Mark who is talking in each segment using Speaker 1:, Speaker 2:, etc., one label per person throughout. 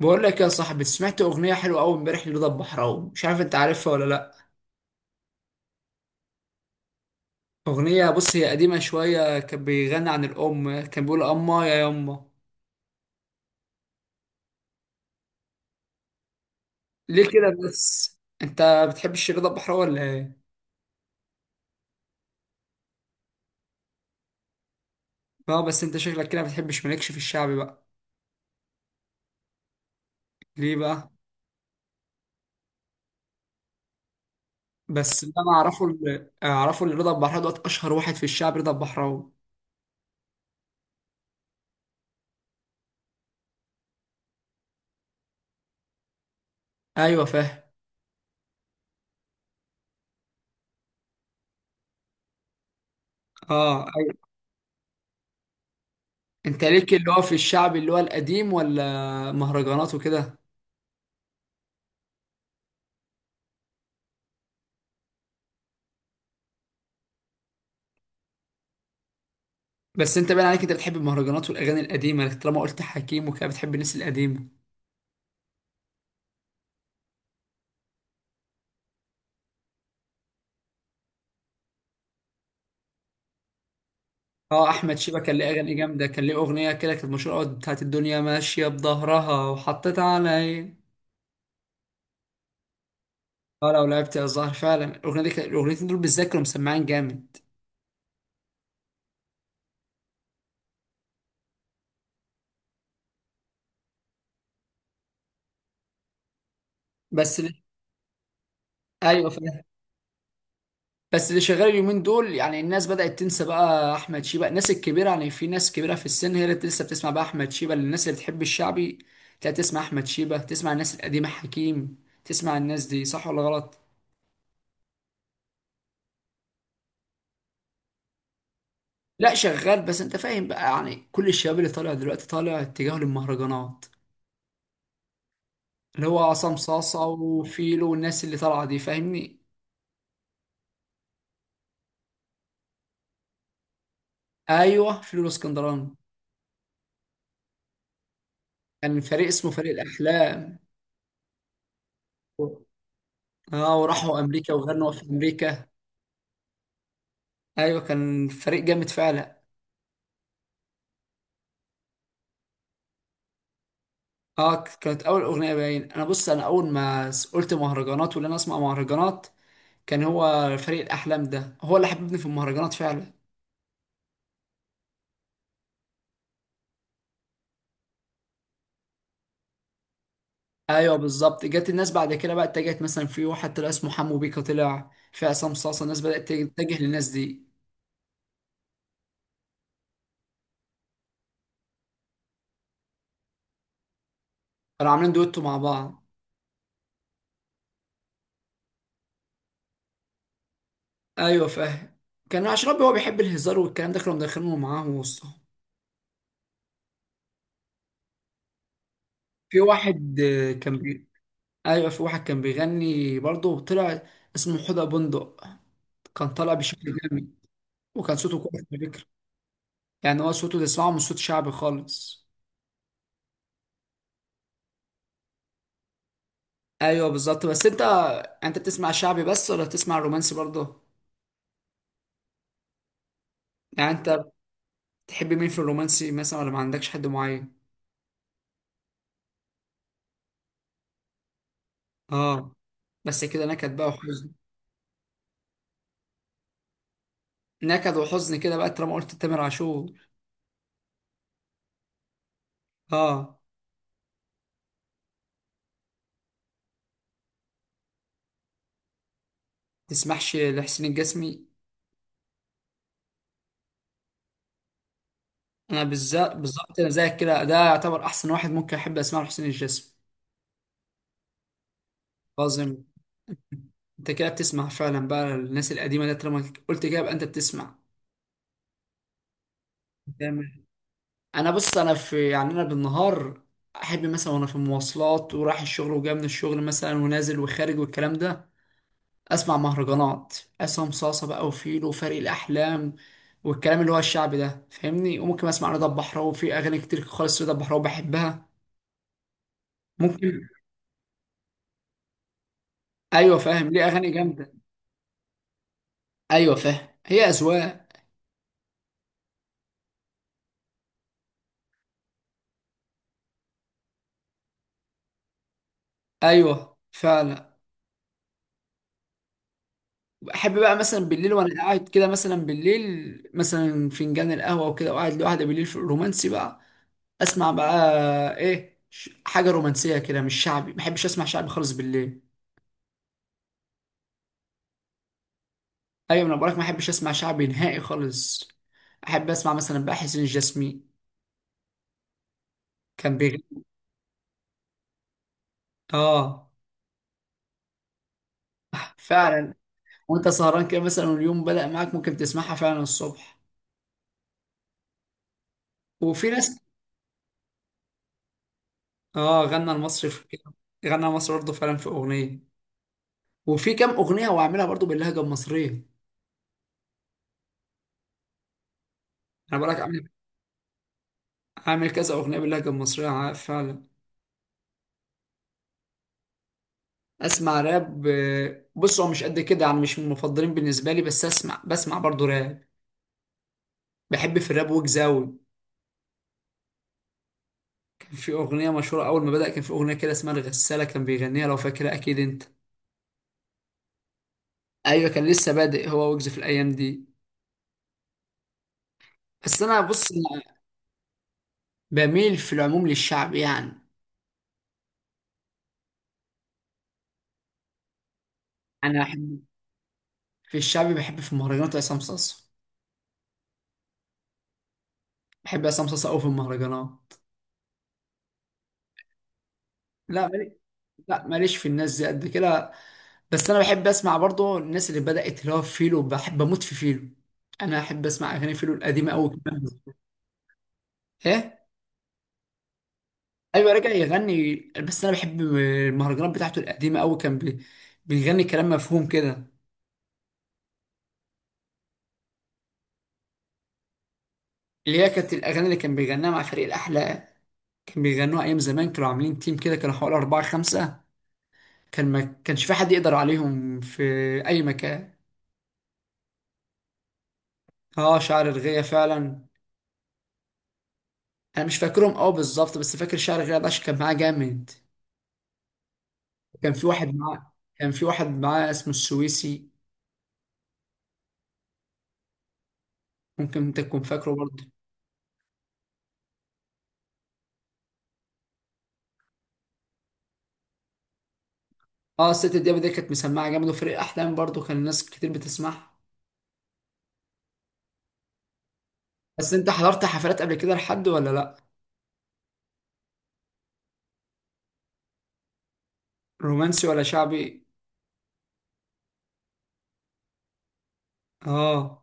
Speaker 1: بقول لك يا صاحبي، سمعت اغنيه حلوه قوي امبارح لرضا البحراوي. مش عارف انت عارفها ولا لا؟ اغنيه، بص هي قديمه شويه، كان بيغني عن الام، كان بيقول اما يا يما. ليه كده بس انت؟ بتحبش رضا البحراوي ولا ايه؟ اه، بس انت شكلك كده ما بتحبش، مالكش في الشعبي بقى؟ ليه بقى؟ بس اللي انا اعرفه ان رضا البحراوي دوت اشهر واحد في الشعب، رضا البحراوي. ايوه فاهم. اه ايوه. انت ليك اللي هو في الشعب اللي هو القديم ولا مهرجانات وكده؟ بس انت باين عليك انت بتحب المهرجانات والاغاني القديمه، لكن طالما قلت حكيم وكده بتحب الناس القديمه. اه، احمد شيبه كان ليه اغاني جامده، كان ليه اغنيه كده كانت مشهوره قوي بتاعت الدنيا ماشيه بظهرها وحطيت عليا. اه لو لعبت يا الزهر، فعلا الاغنيه دي الاغنيتين دول بالذات كانوا مسمعين جامد. بس اللي... ايوه فاهم. بس اللي شغال اليومين دول، يعني الناس بدات تنسى بقى احمد شيبه، الناس الكبيره، يعني في ناس كبيره في السن هي اللي لسه بتسمع بقى احمد شيبه، الناس اللي بتحب الشعبي تلاقي تسمع احمد شيبه، تسمع الناس القديمه حكيم، تسمع الناس دي، صح ولا غلط؟ لا شغال، بس انت فاهم بقى، يعني كل الشباب اللي طالع دلوقتي طالع اتجاه للمهرجانات، اللي هو عصام صاصة وفيلو والناس اللي طالعة دي، فاهمني؟ ايوه فيلو اسكندراني. كان فريق اسمه فريق الاحلام. اه وراحوا امريكا وغنوا في امريكا. ايوه كان فريق جامد فعلا. اه كانت اول اغنيه باين. انا بص، انا اول ما قلت مهرجانات، ولا انا اسمع مهرجانات، كان هو فريق الاحلام ده هو اللي حببني في المهرجانات فعلا. ايوه بالظبط، جت الناس بعد كده بقى اتجهت، مثلا في واحد طلع اسمه حمو بيكا، طلع في عصام صاصا، الناس بدأت تتجه للناس دي. كانوا عاملين دويتو مع بعض. ايوه فاهم. كان اشربي هو بيحب الهزار والكلام ده، كانوا مدخلينه معاه وسطهم. في واحد، ايوه في واحد كان بيغني برضه طلع، اسمه حدى بندق. كان طالع بشكل جامد. وكان صوته كويس على فكره. يعني هو صوته تسمعه مش صوت شعبي خالص. ايوه بالظبط. بس انت بتسمع شعبي بس ولا بتسمع رومانسي برضه؟ يعني انت تحب مين في الرومانسي مثلا، ولا ما عندكش حد معين؟ اه، بس كده نكد بقى وحزن. نكد وحزن كده بقى طالما قلت تامر عاشور. اه. تسمحش لحسين الجسمي. انا بالذات بالظبط، انا زيك كده، ده يعتبر احسن واحد ممكن احب اسمعه لحسين الجسمي. عظيم. انت كده بتسمع فعلا بقى الناس القديمه، ده طالما قلت كده يبقى انت بتسمع. تمام. انا بص، انا في، يعني انا بالنهار احب مثلا وانا في المواصلات ورايح الشغل وجاي من الشغل مثلا ونازل وخارج والكلام ده اسمع مهرجانات عصام صاصه بقى وفيلو وفريق الاحلام والكلام اللي هو الشعبي ده، فاهمني؟ وممكن اسمع رضا البحراوي في اغاني كتير خالص، رضا البحراوي بحبها، ممكن. ايوه فاهم ليه اغاني جامده. ايوه فاهم، هي اذواق. ايوه فعلا. احب بقى مثلا بالليل وانا قاعد كده، مثلا بالليل مثلا فنجان القهوه وكده وقاعد لوحدي بالليل في الرومانسي بقى، اسمع بقى ايه، حاجه رومانسيه كده مش شعبي، ما بحبش اسمع شعبي خالص بالليل. ايوه انا بقولك ما احبش اسمع شعبي نهائي خالص. احب اسمع مثلا بقى حسين الجسمي كان بيغني. اه فعلا. وانت سهران كده مثلا واليوم بدأ معاك ممكن تسمعها فعلا الصبح. وفي ناس. اه غنى المصري في كده. غنى المصري برضه فعلا في اغنيه. وفي كام اغنيه هو عاملها برضه باللهجه المصريه. انا بقولك عامل، عامل كذا اغنيه باللهجه المصريه فعلا. اسمع راب، بص هو مش قد كده يعني، مش من المفضلين بالنسبه لي، بس اسمع، بسمع برضه راب. بحب في الراب ويجز أوي. في أغنية مشهورة أول ما بدأ، كان في أغنية كده اسمها الغسالة كان بيغنيها، لو فاكرها أكيد أنت. أيوة كان لسه بادئ هو ويجز في الأيام دي. بس أنا بص، أنا بميل في العموم للشعب يعني. أنا أحب في الشعب، بحب في المهرجانات عصام صاصا. بحب عصام صاصا أوي في المهرجانات. لا مالي. لا ماليش في الناس دي قد كده. بس أنا بحب أسمع برضه الناس اللي بدأت، اللي هو فيلو، بحب أموت في فيلو. أنا أحب أسمع أغاني فيلو القديمة أوي كمان. إيه؟ ايوه رجع يغني. بس انا بحب المهرجانات بتاعته القديمه قوي، بيغني كلام مفهوم كده. اللي هي كانت الاغاني اللي كان بيغناها مع فريق الاحلى، كان بيغنوها ايام زمان، كانوا عاملين تيم كده، كانوا حوالي اربعه خمسه، كان ما كانش في حد يقدر عليهم في اي مكان. اه شعر الغية فعلا. انا مش فاكرهم قوي بالظبط، بس فاكر شعر الغية ده عشان كان معاه جامد. كان في واحد معاه اسمه السويسي. ممكن انت تكون فاكره برضه. اه الست دياب دي كانت مسمعه جامد، وفريق احلام برضه كان الناس كتير بتسمعها. بس انت حضرت حفلات قبل كده لحد ولا لا؟ رومانسي ولا شعبي؟ اه،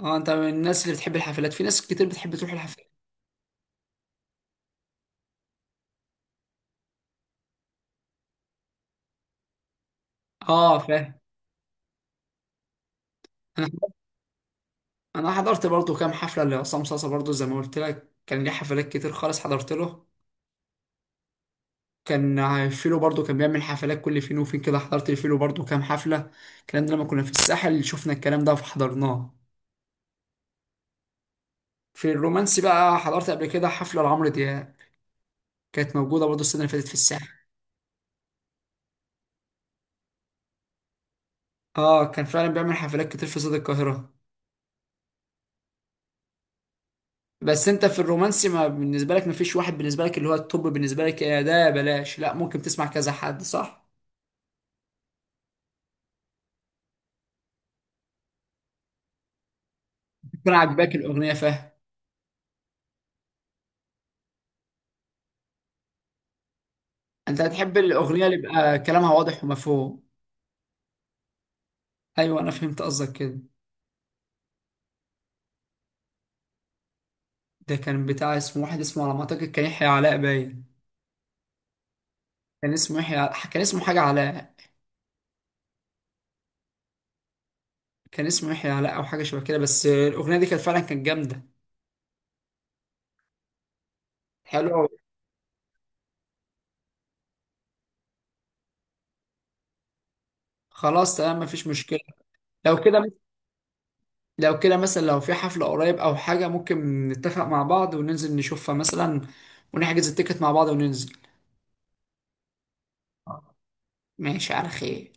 Speaker 1: اه انت من الناس اللي بتحب الحفلات، في ناس كتير بتحب تروح الحفلات. اه فاهم. انا انا حضرت برضو كام حفله لعصام صاصا برضو، زي ما قلت لك كان ليه حفلات كتير خالص حضرت له. كان فيلو برضو كان بيعمل حفلات كل فين وفين كده، حضرت الفيلو برضو كام حفله. الكلام ده لما كنا في الساحل شفنا الكلام ده فحضرناه. في الرومانسي بقى، حضرت قبل كده حفله لعمرو دياب. كانت موجوده برضو السنه اللي فاتت في الساحل. اه كان فعلا بيعمل حفلات كتير في استاد القاهره. بس انت في الرومانسي، ما بالنسبه لك ما فيش واحد بالنسبه لك اللي هو التوب بالنسبه لك، يا ده يا بلاش، لا ممكن تسمع كذا حد، صح؟ يكون عاجباك الاغنيه، فاهم. انت هتحب الاغنيه اللي يبقى كلامها واضح ومفهوم. ايوه انا فهمت قصدك كده. ده كان بتاع اسمه واحد، اسمه على ما اعتقد كان يحيى علاء باين. كان اسمه يحيى علاء، كان اسمه حاجه علاء. كان اسمه يحيى علاء او حاجه شبه كده، بس الاغنيه دي كانت فعلا كانت جامده. حلو. خلاص تمام مفيش مشكله. لو كده لو كده مثلا لو في حفلة قريب أو حاجة، ممكن نتفق مع بعض وننزل نشوفها مثلا، ونحجز التيكت مع بعض وننزل. ماشي على خير.